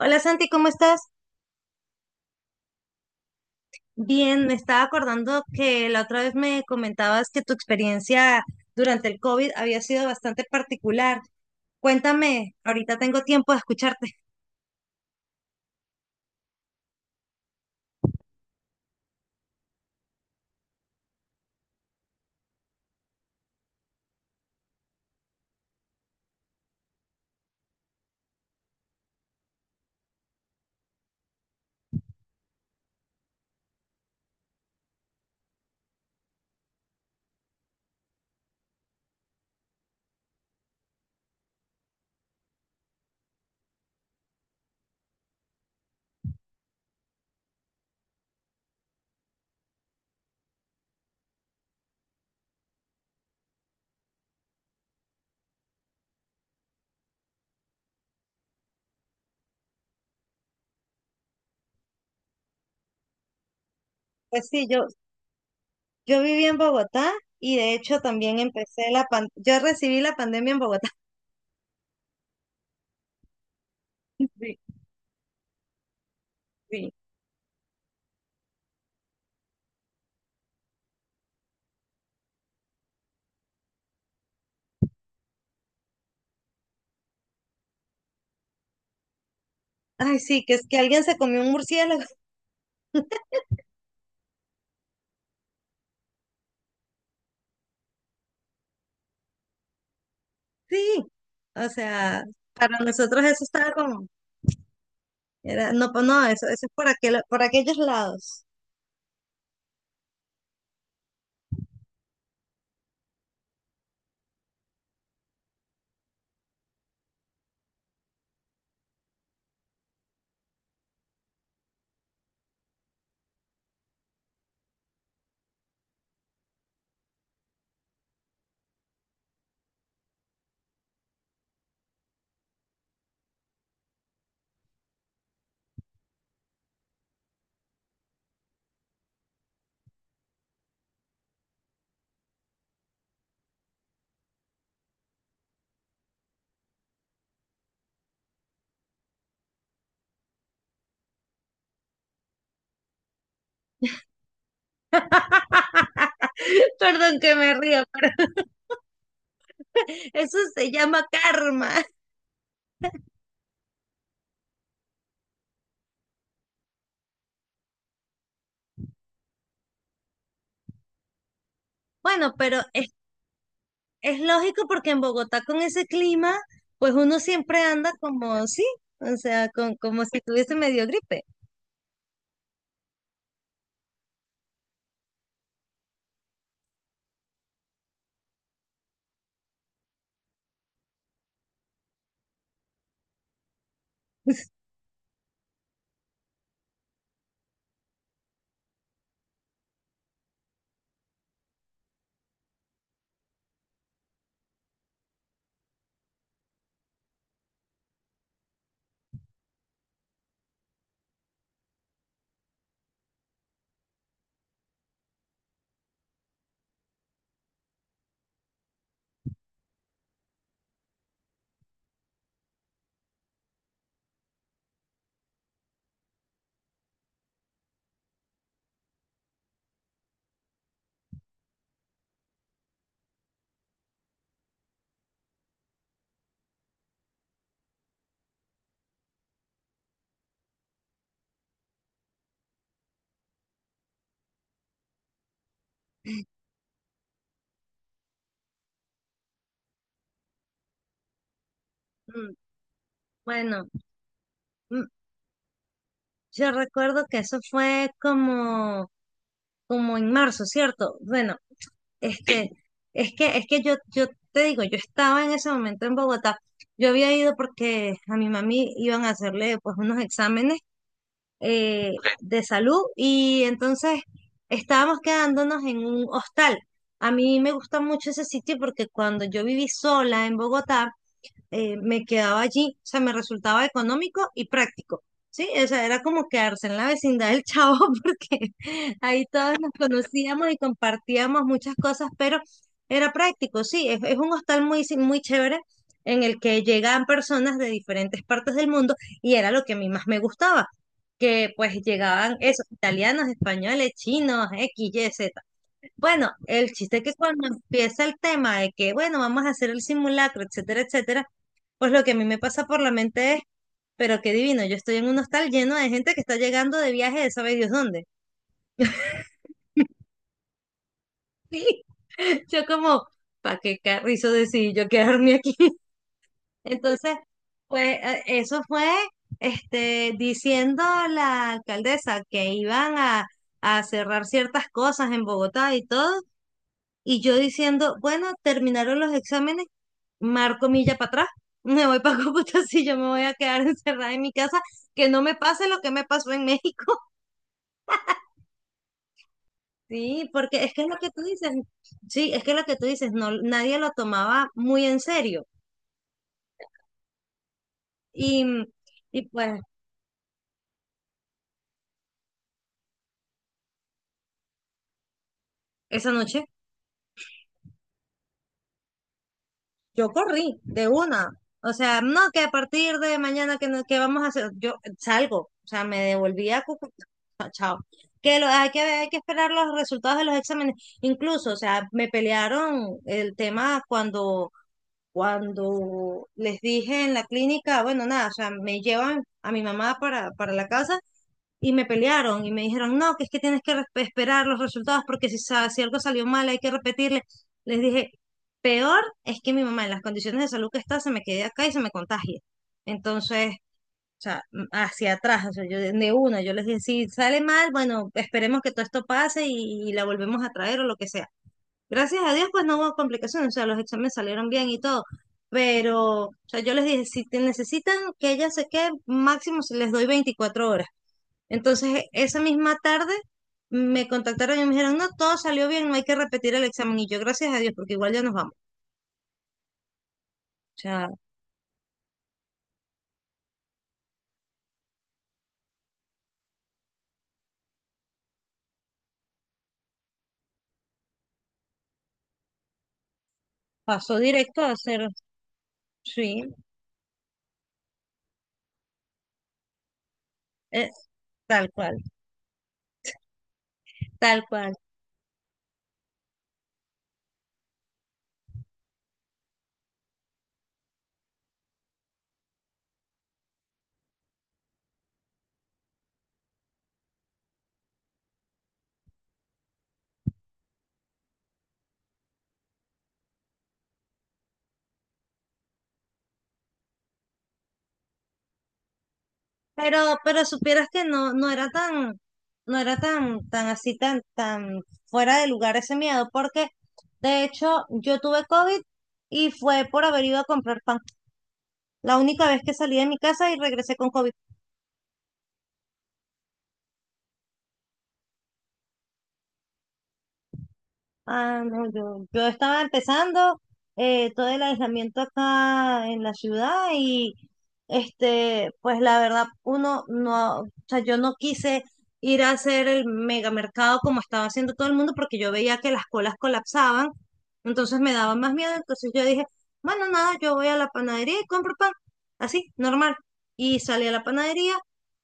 Hola Santi, ¿cómo estás? Bien, me estaba acordando que la otra vez me comentabas que tu experiencia durante el COVID había sido bastante particular. Cuéntame, ahorita tengo tiempo de escucharte. Pues sí, yo viví en Bogotá y de hecho también empecé la pan, yo recibí la pandemia en Bogotá. Sí, sí. Ay, sí, que es que alguien se comió un murciélago. Sí, o sea, para nosotros eso estaba como, era, no, pues no, eso es por aquel, por aquellos lados. Perdón que me río, pero eso se llama karma. Bueno, pero es lógico porque en Bogotá con ese clima, pues uno siempre anda como, sí, o sea, con, como si tuviese medio gripe. Mm. Bueno, mm, yo recuerdo que eso fue como, como en marzo, ¿cierto? Bueno, este, es que yo te digo, yo estaba en ese momento en Bogotá. Yo había ido porque a mi mami iban a hacerle pues unos exámenes Ok. De salud y entonces estábamos quedándonos en un hostal. A mí me gusta mucho ese sitio porque cuando yo viví sola en Bogotá, me quedaba allí, o sea, me resultaba económico y práctico, ¿sí? O sea, era como quedarse en la vecindad del Chavo porque ahí todos nos conocíamos y compartíamos muchas cosas, pero era práctico, sí, es un hostal muy, muy chévere en el que llegaban personas de diferentes partes del mundo y era lo que a mí más me gustaba, que pues llegaban esos italianos, españoles, chinos, X, Y, Z. Bueno, el chiste es que cuando empieza el tema de que, bueno, vamos a hacer el simulacro, etcétera, etcétera, pues lo que a mí me pasa por la mente es, pero qué divino, yo estoy en un hostal lleno de gente que está llegando de viaje de sabe Dios dónde. Y yo como, ¿para qué carrizo decidí yo quedarme aquí? Entonces, pues eso fue diciendo a la alcaldesa que iban a cerrar ciertas cosas en Bogotá y todo, y yo diciendo, bueno, terminaron los exámenes, marco milla para atrás, me voy para Cúcuta. Si yo me voy a quedar encerrada en mi casa, que no me pase lo que me pasó en México. Sí, porque es que es lo que tú dices, sí, es que es lo que tú dices, no, nadie lo tomaba muy en serio. Y, y pues esa noche yo corrí de una. O sea, no, que a partir de mañana que, que vamos a hacer, yo salgo, o sea, me devolví a Cúcuta. Chao. Que hay que, hay que esperar los resultados de los exámenes. Incluso, o sea, me pelearon el tema cuando, cuando les dije en la clínica, bueno, nada, o sea, me llevan a mi mamá para la casa y me pelearon y me dijeron, no, que es que tienes que esperar los resultados porque si, si algo salió mal hay que repetirle. Les dije, peor es que mi mamá en las condiciones de salud que está se me quede acá y se me contagie. Entonces, o sea, hacia atrás, o sea, yo de una, yo les dije, si sale mal, bueno, esperemos que todo esto pase y la volvemos a traer o lo que sea. Gracias a Dios, pues no hubo complicaciones, o sea, los exámenes salieron bien y todo. Pero, o sea, yo les dije, si te necesitan que ella se quede, máximo se les doy 24 horas. Entonces, esa misma tarde me contactaron y me dijeron, no, todo salió bien, no hay que repetir el examen. Y yo, gracias a Dios, porque igual ya nos vamos. O sea, pasó directo a hacer, sí, eh, tal cual, tal cual. Pero supieras que no, no era tan, no era tan, tan así, tan, tan fuera de lugar ese miedo, porque de hecho yo tuve COVID y fue por haber ido a comprar pan. La única vez que salí de mi casa y regresé con COVID. Ah, no, yo estaba empezando todo el aislamiento acá en la ciudad y este, pues la verdad, uno no, o sea, yo no quise ir a hacer el megamercado como estaba haciendo todo el mundo porque yo veía que las colas colapsaban, entonces me daba más miedo, entonces yo dije, bueno, nada, yo voy a la panadería y compro pan, así, normal. Y salí a la panadería,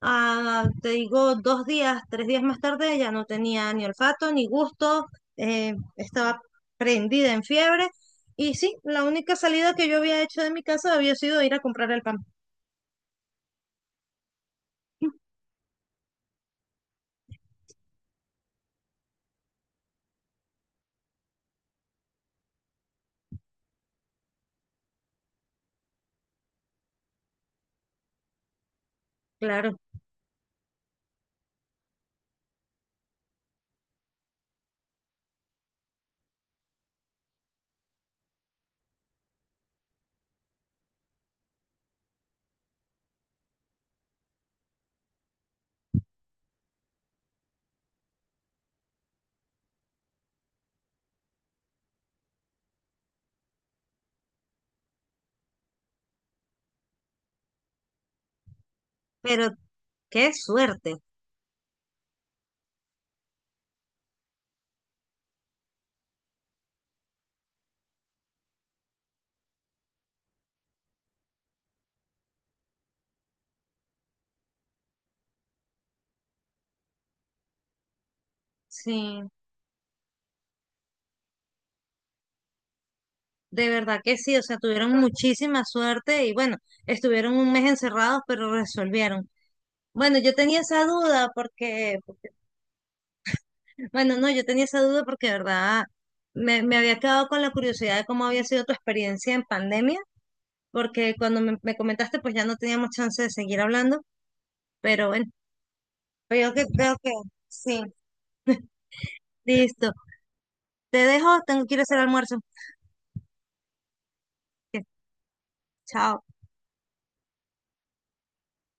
ah, te digo, 2 días, 3 días más tarde ya no tenía ni olfato, ni gusto. Estaba prendida en fiebre. Y sí, la única salida que yo había hecho de mi casa había sido ir a comprar el pan. Claro, pero qué suerte. Sí, de verdad que sí, o sea, tuvieron muchísima suerte y bueno, estuvieron 1 mes encerrados, pero resolvieron. Bueno, yo tenía esa duda porque, porque- bueno, no, yo tenía esa duda porque de verdad me, me había quedado con la curiosidad de cómo había sido tu experiencia en pandemia, porque cuando me comentaste, pues ya no teníamos chance de seguir hablando, pero bueno. Pero yo que creo que sí. Listo. Te dejo, tengo que ir a hacer almuerzo. Que- Chao.